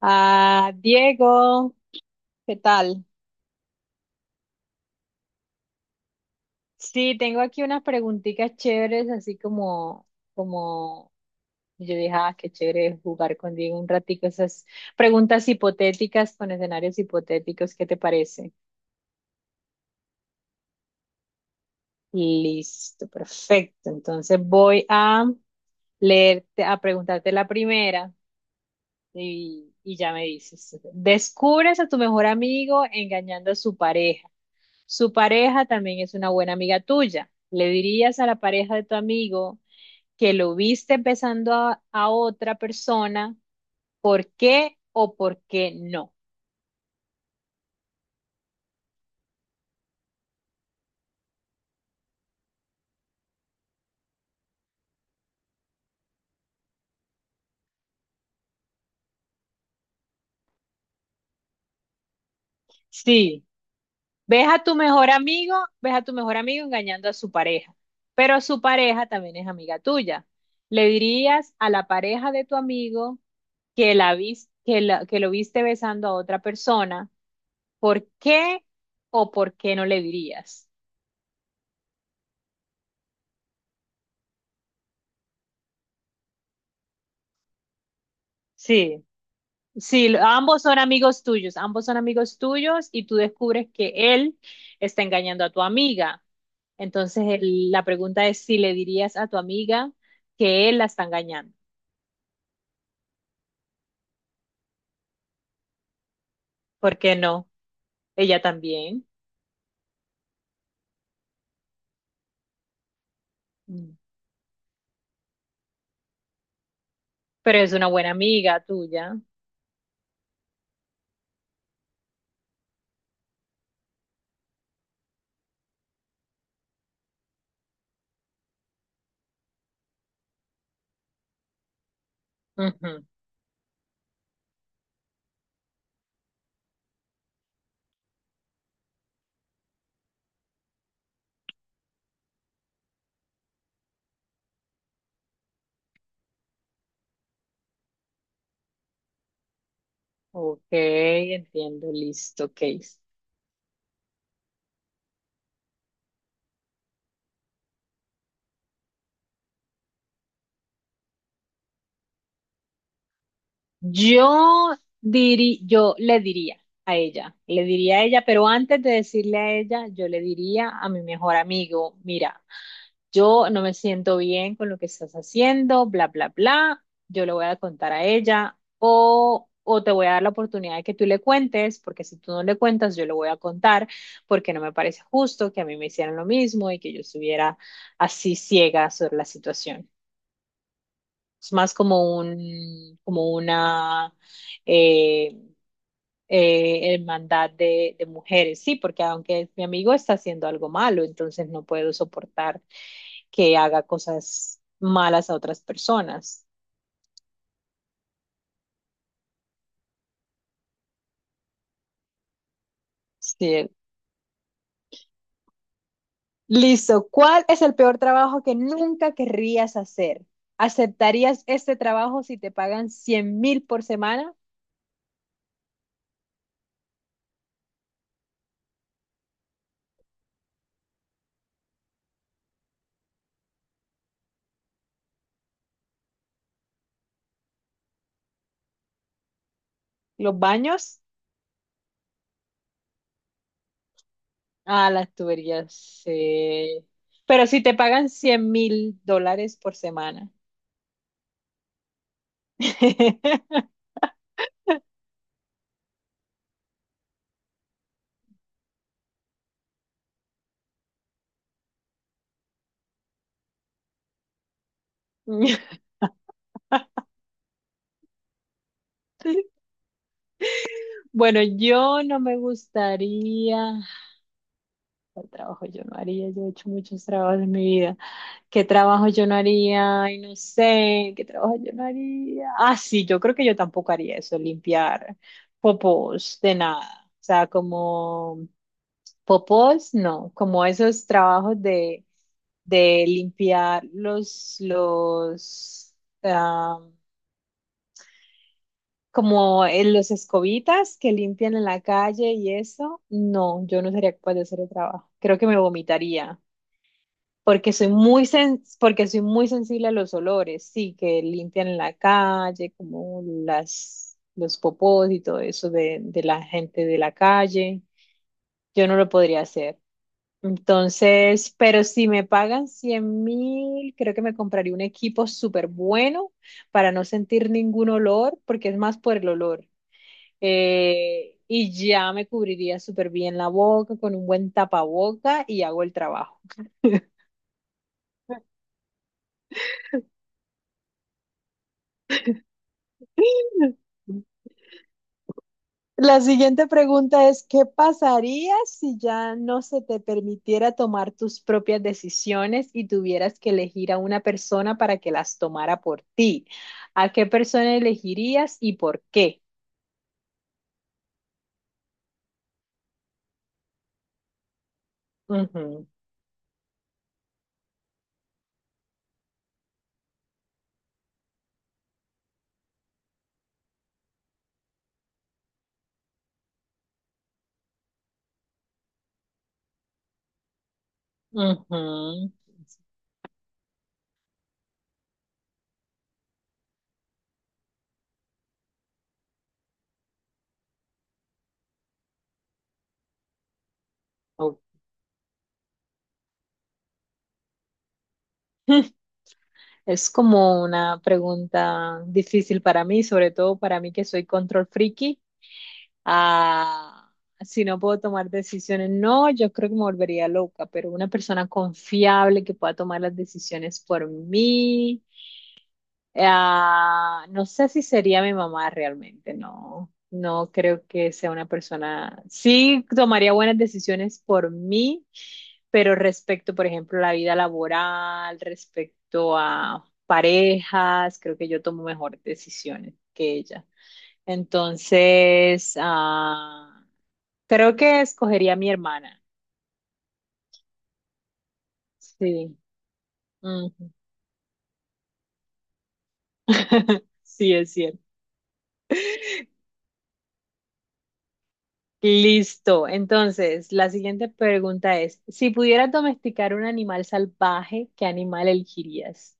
Ah, Diego, ¿qué tal? Sí, tengo aquí unas preguntitas chéveres, así como yo dije, ah, qué chévere jugar con Diego un ratico, esas preguntas hipotéticas con escenarios hipotéticos, ¿qué te parece? Listo, perfecto. Entonces voy a leerte, a preguntarte la primera. Y ya me dices, descubres a tu mejor amigo engañando a su pareja. Su pareja también es una buena amiga tuya. Le dirías a la pareja de tu amigo que lo viste besando a otra persona, ¿por qué o por qué no? Sí. Ves a tu mejor amigo, ves a tu mejor amigo engañando a su pareja, pero su pareja también es amiga tuya. Le dirías a la pareja de tu amigo que la vis- que la- que lo viste besando a otra persona, ¿por qué o por qué no le dirías? Sí, sí, lo- ambos son amigos tuyos, ambos son amigos tuyos y tú descubres que él está engañando a tu amiga. Entonces el- la pregunta es si le dirías a tu amiga que él la está engañando. ¿Por qué no? Ella también. Mm. Pero es una buena amiga tuya. Ujú. Ok, entiendo, listo, Case. Yo yo le diría a ella, le diría a ella, pero antes de decirle a ella, yo le diría a mi mejor amigo, mira, yo no me siento bien con lo que estás haciendo, bla, bla, bla, yo le voy a contar a ella o te voy a dar la oportunidad de que tú le cuentes, porque si tú no le cuentas, yo le voy a contar, porque no me parece justo que a mí me hicieran lo mismo y que yo estuviera así ciega sobre la situación. Es más como una eh, hermandad de mujeres, sí, porque aunque mi amigo está haciendo algo malo, entonces no puedo soportar que haga cosas malas a otras personas. Sí. Listo. ¿Cuál es el peor trabajo que nunca querrías hacer? ¿Aceptarías este trabajo si te pagan 100.000 por semana? ¿Los baños? Ah, las tuberías, sí. Pero si te pagan $100.000 por semana. Bueno, yo no me gustaría. ¿Cuál trabajo yo no haría? Yo he hecho muchos trabajos en mi vida. ¿Qué trabajo yo no haría? Ay, no sé, ¿qué trabajo yo no haría? Ah, sí, yo creo que yo tampoco haría eso, limpiar popós de nada. O sea, como popós, no, como esos trabajos de limpiar ah, como en los escobitas que limpian en la calle y eso. No, yo no sería capaz de hacer el trabajo. Creo que me vomitaría porque soy muy sensible a los olores, sí, que limpian en la calle, como las los popós y todo eso de la gente de la calle. Yo no lo podría hacer. Entonces, pero si me pagan 100 mil, creo que me compraría un equipo súper bueno para no sentir ningún olor, porque es más por el olor. Y ya me cubriría súper bien la boca con un buen tapaboca y hago el trabajo. La siguiente pregunta es, ¿qué pasaría si ya no se te permitiera tomar tus propias decisiones y tuvieras que elegir a una persona para que las tomara por ti? ¿A qué persona elegirías y por qué? Ujú, ujú. Oh. Es como una pregunta difícil para mí, sobre todo para mí que soy control friki. A si no puedo tomar decisiones. No, yo creo que me volvería loca, pero una persona confiable que pueda tomar las decisiones por mí, ah, no sé si sería mi mamá realmente, no. No creo que sea una persona. Sí, tomaría buenas decisiones por mí, pero respecto, por ejemplo, a la vida laboral, respecto a parejas, creo que yo tomo mejores decisiones que ella. Entonces, creo que escogería a mi hermana. Sí. Ujú. Sí, es cierto. Listo. Entonces, la siguiente pregunta es, si pudieras domesticar un animal salvaje, ¿qué animal elegirías?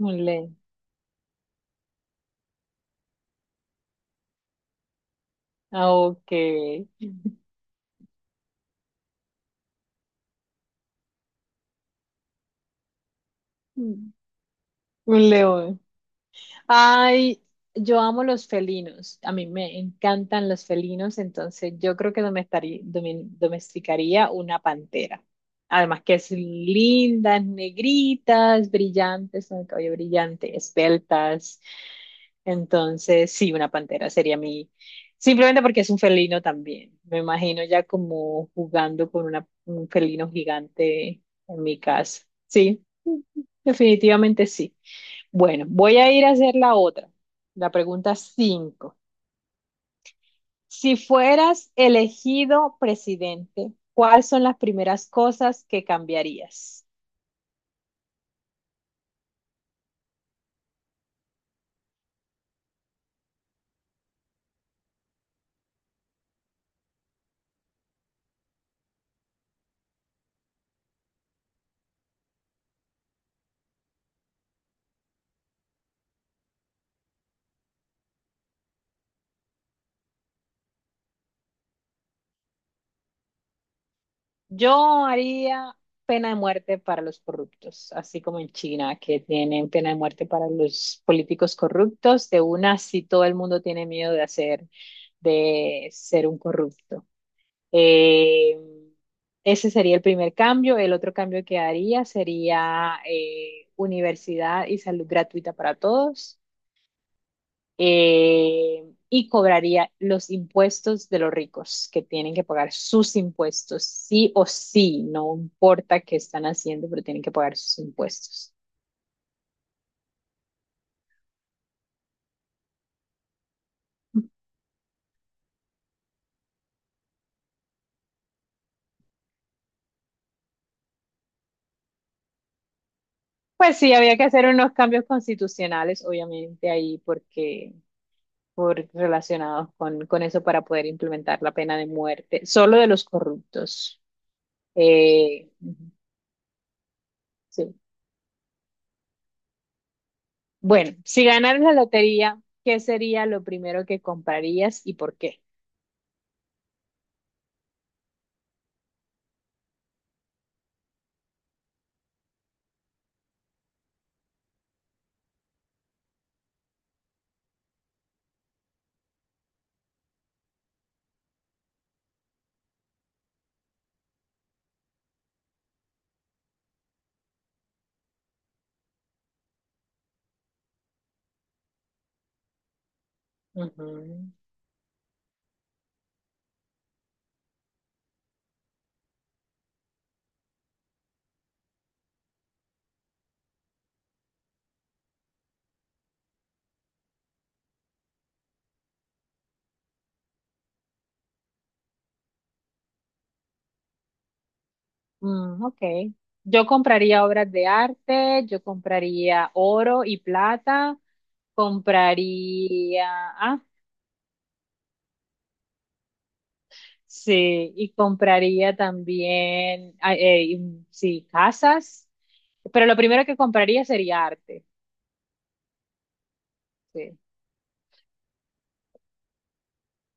Un león. Ah, ok. Mm, un león. Ay, yo amo los felinos. A mí me encantan los felinos, entonces yo creo que domesticaría una pantera. Además que es lindas, negritas, brillantes, con el cabello brillante, esbeltas. Entonces, sí, una pantera sería mi, simplemente porque es un felino también. Me imagino ya como jugando con un felino gigante en mi casa. Sí, definitivamente sí. Bueno, voy a ir a hacer la pregunta 5. Si fueras elegido presidente, ¿cuáles son las primeras cosas que cambiarías? Yo haría pena de muerte para los corruptos, así como en China, que tienen pena de muerte para los políticos corruptos. De una, si todo el mundo tiene miedo de hacer, de ser un corrupto. Eh, Ese sería el primer cambio. El otro cambio que haría sería universidad y salud gratuita para todos y cobraría los impuestos de los ricos, que tienen que pagar sus impuestos, sí o sí, no importa qué están haciendo, pero tienen que pagar sus impuestos. Pues sí, había que hacer unos cambios constitucionales, obviamente, ahí porque relacionados con eso para poder implementar la pena de muerte, solo de los corruptos. Ujú, sí. Bueno, si ganaras la lotería, ¿qué sería lo primero que comprarías y por qué? Ujú. Mm, ok. Yo compraría obras de arte, yo compraría oro y plata, compraría, sí, y compraría también, sí, casas, pero lo primero que compraría sería arte, sí.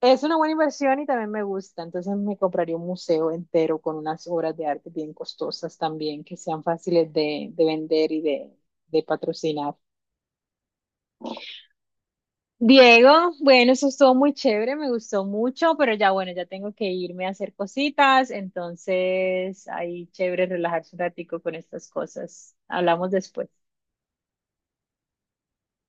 Es una buena inversión y también me gusta, entonces me compraría un museo entero con unas obras de arte bien costosas también, que sean fáciles de vender y de patrocinar. Diego, bueno, eso estuvo muy chévere, me gustó mucho, pero ya bueno, ya tengo que irme a hacer cositas, entonces ahí chévere relajarse un ratico con estas cosas. Hablamos después.